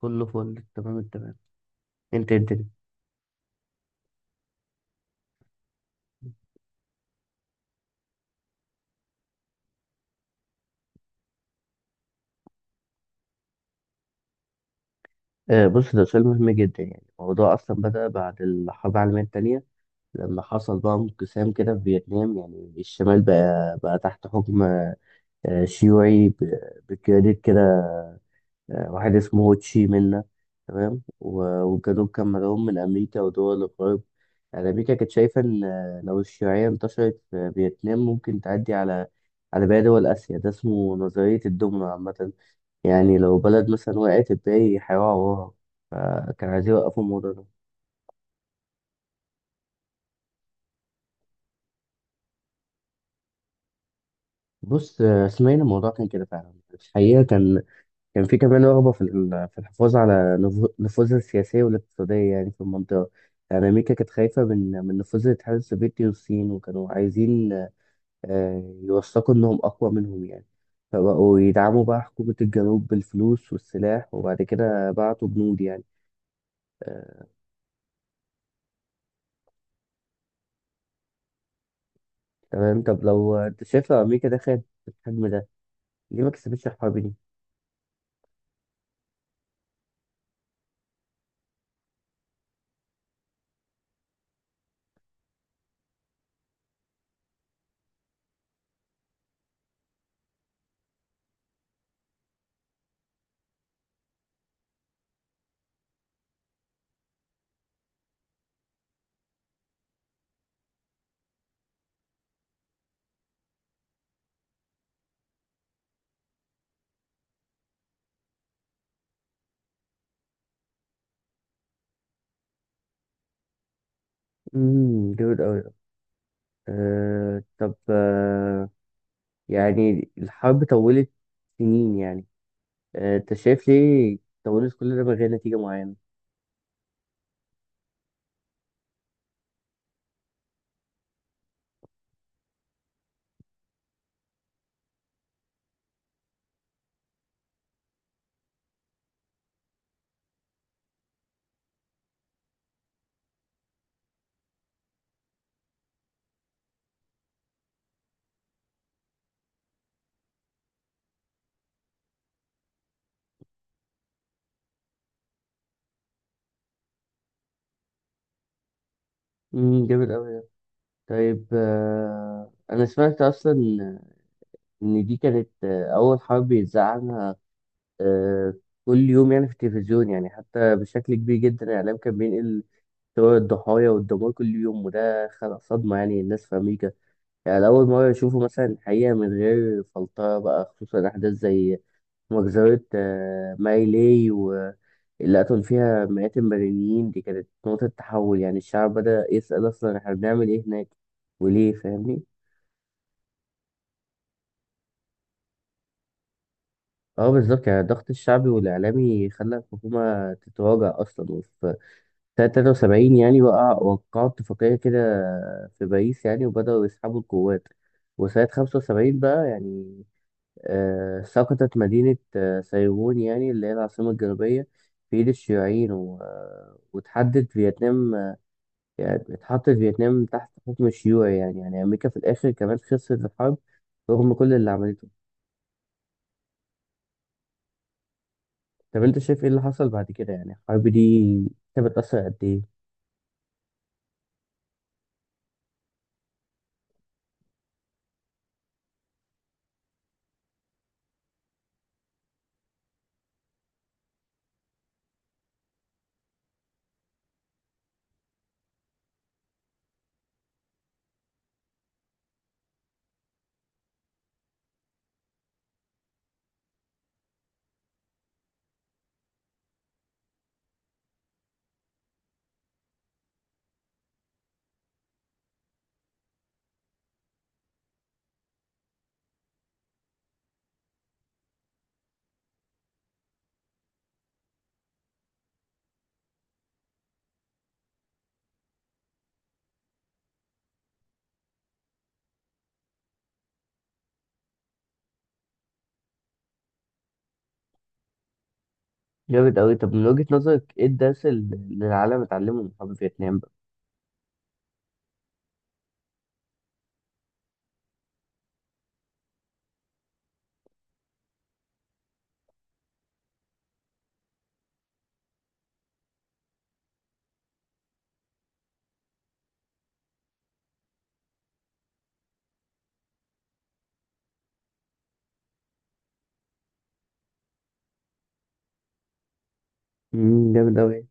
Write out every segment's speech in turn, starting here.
كله فل تمام التمام. انت إيه الدنيا؟ آه، بص، ده سؤال مهم جدا، يعني الموضوع اصلا بدأ بعد الحرب العالمية التانية. لما حصل بقى انقسام كده في فيتنام، يعني الشمال بقى تحت حكم شيوعي، بقيادة كده، واحد اسمه هو تشي منا. تمام. والجنوب كان مدعوم من امريكا ودول الغرب. يعني امريكا كانت شايفة ان لو الشيوعية انتشرت في فيتنام، ممكن تعدي على باقي دول اسيا. ده اسمه نظرية الدومينو عامة، يعني لو بلد مثلا وقعت، الباقي هيقعوا وراها، فكان عايزين يوقفوا الموضوع ده. بص، اسماعيل، الموضوع كان كده فعلا، الحقيقة كان في كمان رغبة في في الحفاظ على نفوذها السياسية والاقتصادية يعني في المنطقة. يعني أمريكا كانت خايفة من نفوذ الاتحاد السوفيتي والصين، وكانوا عايزين يوثقوا إنهم أقوى منهم يعني. فبقوا يدعموا بقى حكومة الجنوب بالفلوس والسلاح، وبعد كده بعتوا جنود يعني آه، تمام. طب لو أنت شايف، لو أمريكا دخلت في الحجم ده، ليه ما كسبتش الحرب دي؟ جامد أوي ده. أه، طب، يعني الحرب طولت سنين يعني. أنت شايف ليه طولت كل ده من غير نتيجة معينة؟ جامد أوي ده. طيب، أنا سمعت أصلا إن دي كانت أول حرب يتذاع عنها. أه، كل يوم يعني في التلفزيون، يعني حتى بشكل كبير جدا الإعلام كان بينقل صور الضحايا والدمار كل يوم، وده خلق صدمة يعني للناس في أمريكا. يعني لأول مرة يشوفوا مثلا الحقيقة من غير فلترة بقى، خصوصا أحداث زي مجزرة ماري لاي، واللي قتلوا فيها مئات المدنيين. دي كانت نقطة تحول، يعني الشعب بدأ يسأل أصلا إحنا بنعمل إيه هناك وليه، فاهمني؟ اه، بالظبط. يعني الضغط الشعبي والإعلامي خلى الحكومة تتراجع أصلا. وفي سنة 73 يعني وقعوا اتفاقية كده في باريس يعني، وبدأوا يسحبوا القوات. وسنة 75 بقى يعني، سقطت مدينة سايغون يعني، اللي هي العاصمة الجنوبية، في إيد الشيوعيين، و... آه، وتحدد فيتنام. يعني اتحطت فيتنام تحت حكم الشيوعي يعني، يعني أمريكا في الآخر كمان خسرت الحرب رغم كل اللي عملته. طب أنت شايف إيه اللي حصل بعد كده، يعني الحرب دي كانت بتأثر قد إيه؟ جامد أوي. طب، من وجهة نظرك إيه الدرس اللي العالم اتعلمه من حرب فيتنام بقى؟ مم، جامد أوي.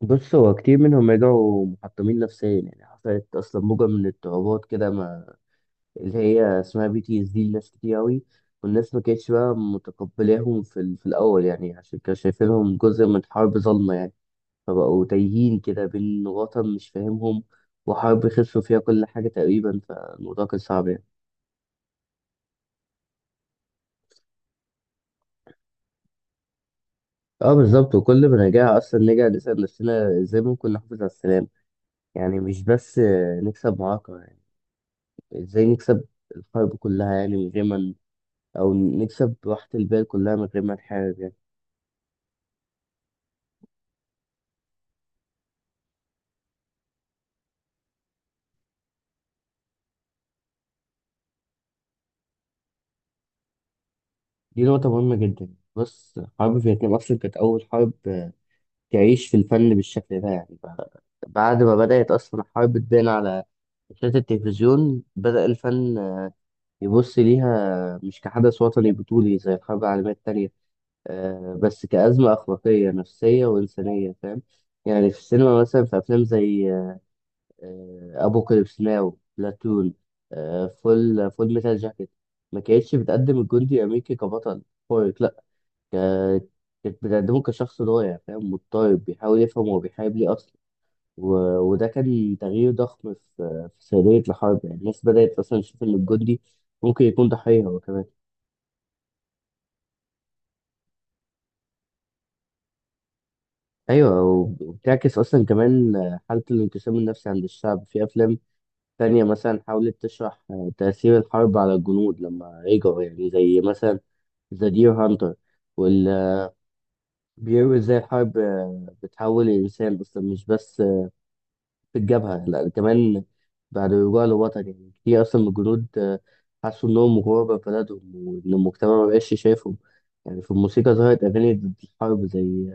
بص، هو كتير منهم رجعوا محطمين نفسيا، يعني حصلت أصلا موجة من الاضطرابات كده اللي هي اسمها PTSD، لناس كتير أوي. والناس ما كانتش بقى متقبلاهم في الأول يعني، عشان كانوا شايفينهم جزء من حرب ظلمة يعني. فبقوا تايهين كده بين وطن مش فاهمهم وحرب خسروا فيها كل حاجة تقريبا، فالموضوع كان صعب يعني. اه، بالظبط. وكل ما نرجع أصلا، نرجع نسأل نفسنا ازاي ممكن نحافظ على السلام، يعني مش بس نكسب معركة يعني. ازاي نكسب الحرب كلها يعني، من غير ما أو نكسب راحة البال كلها من غير ما نحارب يعني. دي نقطة مهمة جدا. بص، حرب فيتنام أصلا كانت أول حرب تعيش في الفن بالشكل ده يعني. بعد ما بدأت أصلا الحرب تبان على شاشات التلفزيون، بدأ الفن يبص ليها مش كحدث وطني بطولي زي الحرب العالمية التانية، بس كأزمة أخلاقية نفسية وإنسانية، فاهم؟ يعني في السينما مثلا، في أفلام زي أبوكاليبس ناو، بلاتون، فول ميتال جاكيت، ما كانتش بتقدم الجندي الأمريكي كبطل خارق، لأ، ك- كانت بتقدمه كشخص ضايع، فاهم، مضطرب، بيحاول يفهم هو بيحارب ليه أصلا. و... وده كان تغيير ضخم في سردية الحرب، يعني الناس بدأت أصلا تشوف إن الجندي ممكن يكون ضحية هو كمان. أيوة، وبتعكس أصلا كمان حالة الانقسام النفسي عند الشعب. في أفلام تانية مثلا حاولت تشرح تأثير الحرب على الجنود لما رجعوا، يعني زي مثلا ذا دير هانتر وال بيروي ازاي الحرب بتحول الإنسان أصلا، مش بس في الجبهة، لا، كمان بعد رجوع للوطن. يعني كتير أصلا من الجنود حسوا إنهم غربة في بلدهم وإن المجتمع مبقاش شايفهم. يعني في الموسيقى ظهرت أغاني ضد الحرب زي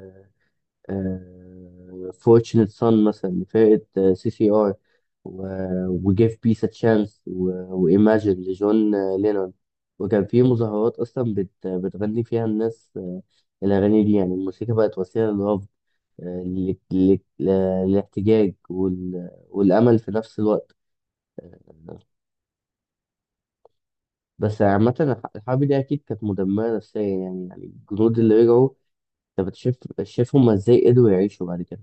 Fortunate Son مثلا لفرقة CCR، و Give Peace a Chance، و Imagine لجون لينون. وكان في مظاهرات أصلا بتغني فيها الناس الأغاني دي. يعني الموسيقى بقت وسيلة للرفض، ال- ال- الاحتجاج، والأمل في نفس الوقت. بس عامة الحرب دي أكيد كانت مدمرة نفسيا يعني. يعني الجنود اللي رجعوا، أنت بتشوف شايف هما إزاي قدروا يعيشوا بعد كده؟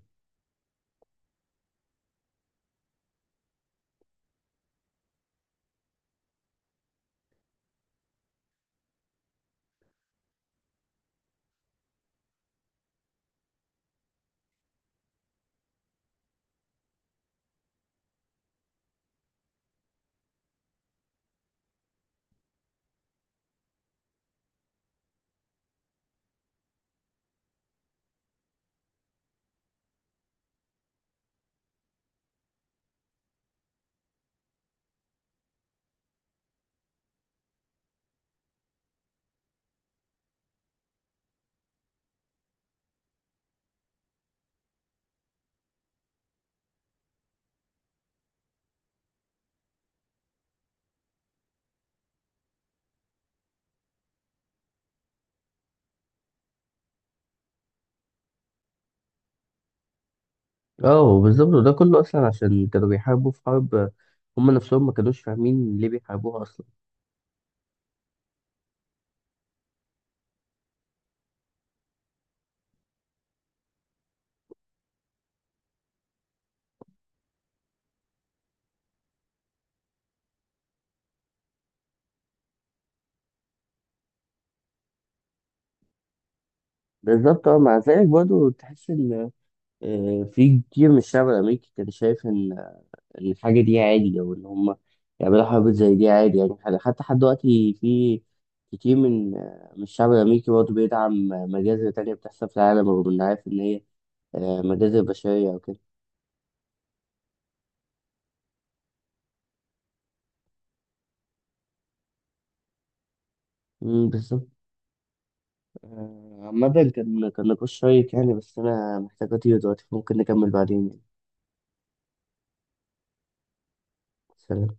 اه، بالظبط. وده كله أصلا عشان كانوا بيحاربوا في حرب هما نفسهم ما كانوش فاهمين ليه بيحاربوها أصلا. بالظبط، اه، مع ذلك برضه تحس إن في كتير من الشعب الأمريكي كان شايف إن الحاجة دي عادي، أو إن هم يعملوا حرب زي دي عادي يعني. حتى لحد دلوقتي في كتير من الشعب الأمريكي برضه بيدعم مجازر تانية بتحصل في العالم، رغم إنه عارف إن هي مجازر بشرية أو كده. أمم، بالظبط. عامة، كان نقاش شيق يعني، بس أنا محتاج أطير دلوقتي، ممكن نكمل بعدين يعني. سلام.